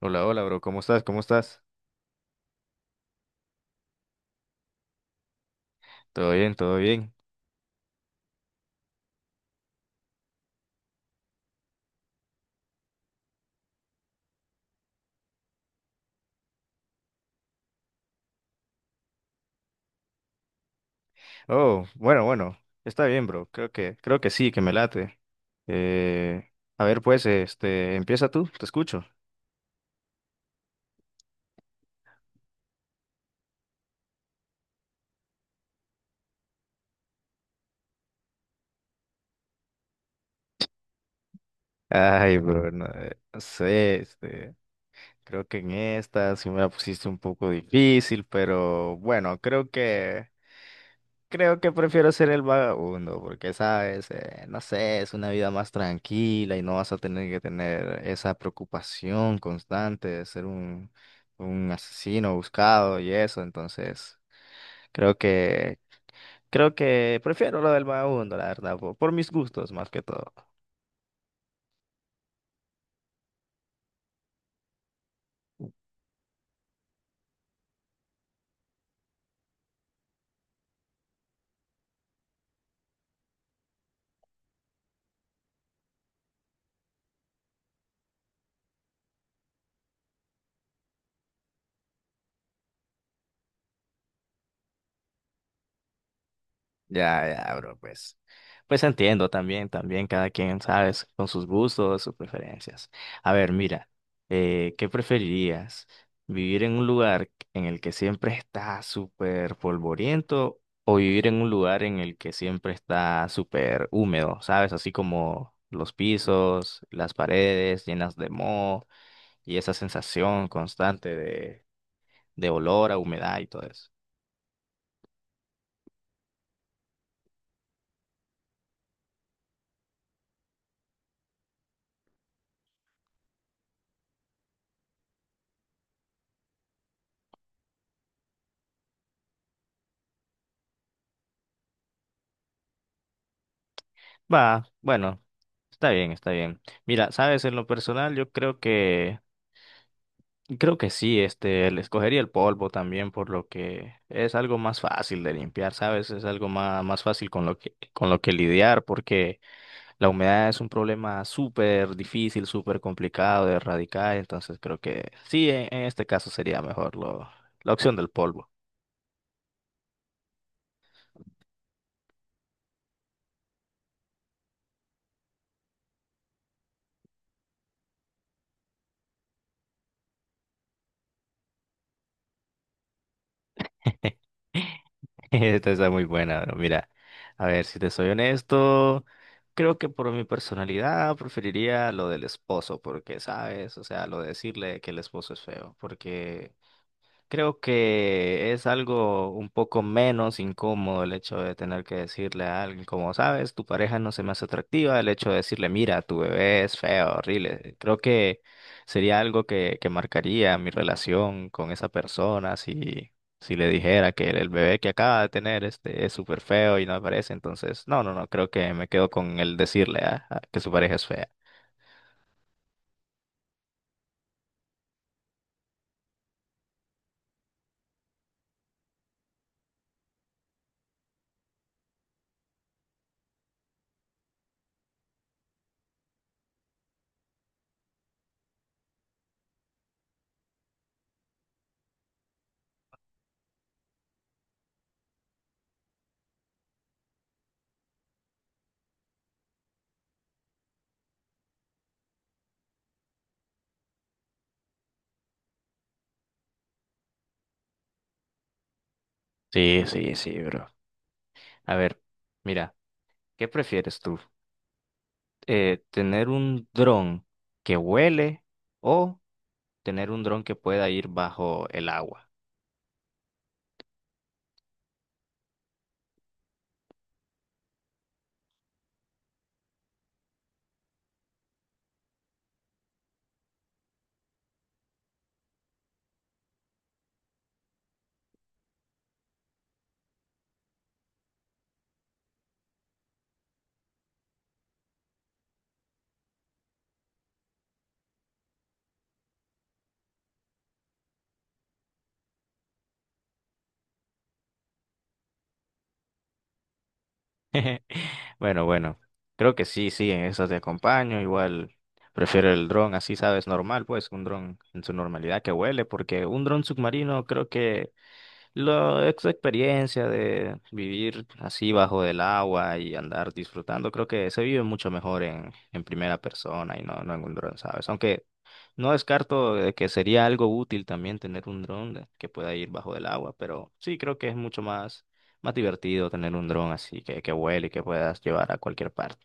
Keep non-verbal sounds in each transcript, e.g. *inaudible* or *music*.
Hola, hola, bro. ¿Cómo estás? ¿Cómo estás? Todo bien, todo bien. Oh, bueno, bueno. Está bien, bro. Creo que sí, que me late. Eh, a ver, pues, este, empieza tú. Te escucho. Ay, bro, no, no sé, este, creo que en esta sí me la pusiste un poco difícil, pero bueno, creo que prefiero ser el vagabundo, porque sabes, no sé, es una vida más tranquila y no vas a tener que tener esa preocupación constante de ser un asesino buscado y eso. Entonces, creo que, creo que prefiero lo del vagabundo, la verdad, por mis gustos más que todo. Ya, ya, bro, pues. Pues entiendo también, también cada quien, ¿sabes? Con sus gustos, sus preferencias. A ver, mira, ¿qué preferirías? ¿Vivir en un lugar en el que siempre está súper polvoriento o vivir en un lugar en el que siempre está súper húmedo? ¿Sabes? Así como los pisos, las paredes llenas de moho y esa sensación constante de olor a humedad y todo eso. Va, bueno, está bien, está bien. Mira, sabes, en lo personal yo creo que sí, este, le escogería el polvo también por lo que es algo más fácil de limpiar, sabes, es algo más, más fácil con lo con lo que lidiar porque la humedad es un problema súper difícil, súper complicado de erradicar, entonces creo que sí, en este caso sería mejor la opción del polvo. *laughs* *laughs* Esta está muy buena, bro. Mira, a ver, si te soy honesto, creo que por mi personalidad preferiría lo del esposo, porque, ¿sabes? O sea, lo de decirle que el esposo es feo, porque creo que es algo un poco menos incómodo el hecho de tener que decirle a alguien, como sabes, tu pareja no se me hace atractiva, el hecho de decirle, mira, tu bebé es feo, horrible. Creo que sería algo que marcaría mi relación con esa persona si le dijera que el bebé que acaba de tener este, es súper feo y no me parece. Entonces, no, no, no, creo que me quedo con el decirle a que su pareja es fea. Sí, sí, sí, bro. A ver, mira, ¿qué prefieres tú? Tener un dron que huele o tener un dron que pueda ir bajo el agua. *laughs* Bueno, bueno, creo que sí, sí, en eso te acompaño. Igual prefiero el dron, así sabes, normal, pues un dron en su normalidad que huele, porque un dron submarino creo que la ex experiencia de vivir así bajo el agua y andar disfrutando, creo que se vive mucho mejor en primera persona y no, no en un dron, ¿sabes? Aunque no descarto de que sería algo útil también tener un dron que pueda ir bajo el agua, pero sí creo que es mucho más, más divertido tener un dron así que vuele y que puedas llevar a cualquier parte.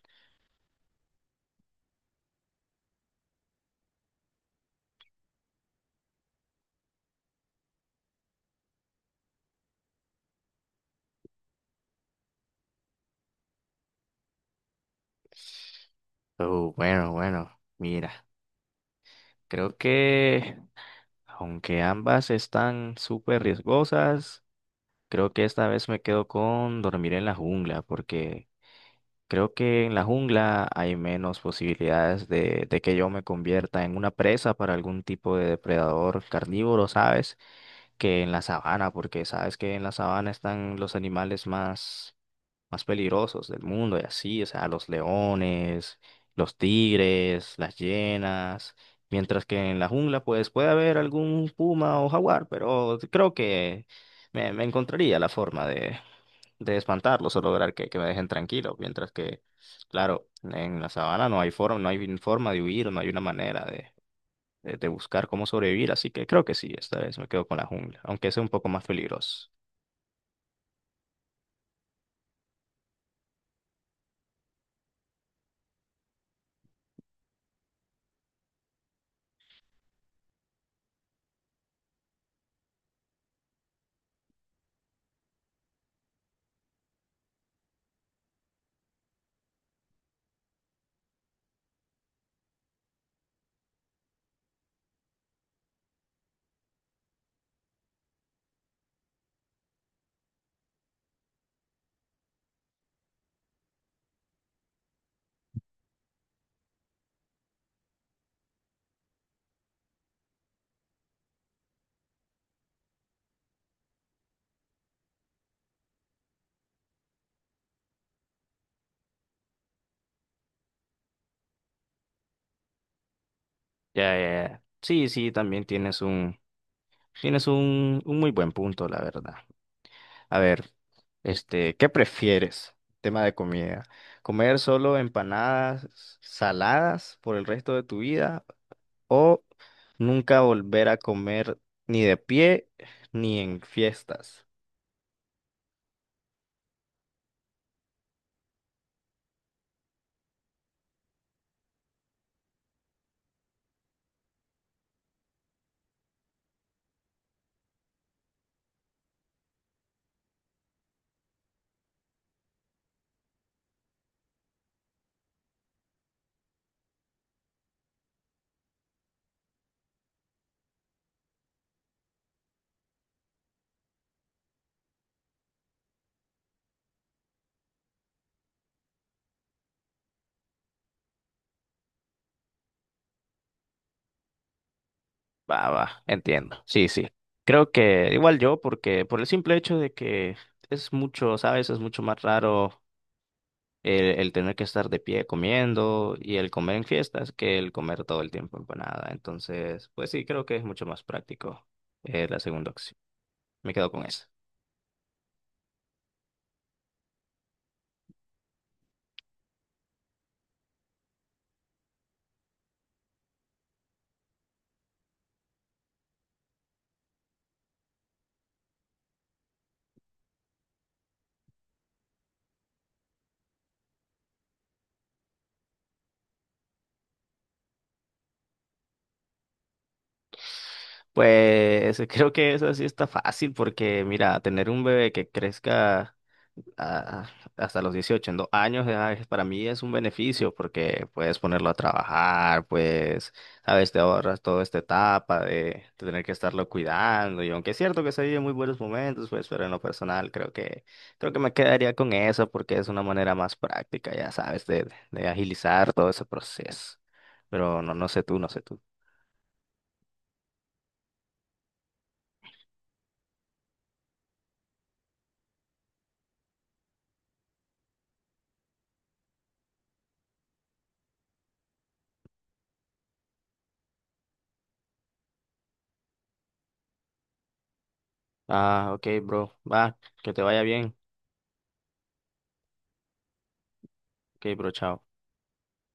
Oh, bueno, bueno, mira, creo que aunque ambas están súper riesgosas, creo que esta vez me quedo con dormir en la jungla, porque creo que en la jungla hay menos posibilidades de que yo me convierta en una presa para algún tipo de depredador carnívoro, ¿sabes? Que en la sabana, porque sabes que en la sabana están los animales más, más peligrosos del mundo y así, o sea, los leones, los tigres, las hienas, mientras que en la jungla pues puede haber algún puma o jaguar, pero creo que me encontraría la forma de espantarlos o lograr que me dejen tranquilo, mientras que, claro, en la sabana no hay forma, no hay forma de huir, no hay una manera de buscar cómo sobrevivir, así que creo que sí, esta vez me quedo con la jungla, aunque es un poco más peligroso. Ya, ya, ya. Sí, sí, también tienes un, tienes un muy buen punto, la verdad. A ver, este, ¿qué prefieres? Tema de comida. ¿Comer solo empanadas saladas por el resto de tu vida o nunca volver a comer ni de pie ni en fiestas? Va, va, entiendo. Sí, sí. Creo que igual yo, porque por el simple hecho de que es mucho, ¿sabes? Es mucho más raro el tener que estar de pie comiendo y el comer en fiestas que el comer todo el tiempo empanada. Entonces, pues sí, creo que es mucho más práctico la segunda opción. Me quedo con esa. Pues *laughs* creo que esa sí está fácil porque, mira, tener un bebé que crezca. Ah, hasta los 18 en 2 años, ya para mí es un beneficio porque puedes ponerlo a trabajar, pues, sabes, te ahorras toda esta etapa de tener que estarlo cuidando. Y aunque es cierto que se viven muy buenos momentos, pues, pero en lo personal creo que me quedaría con eso porque es una manera más práctica, ya sabes, de agilizar todo ese proceso. Pero no, no sé tú, no sé tú. Ah, ok, bro, va, que te vaya bien. Ok, bro, chao.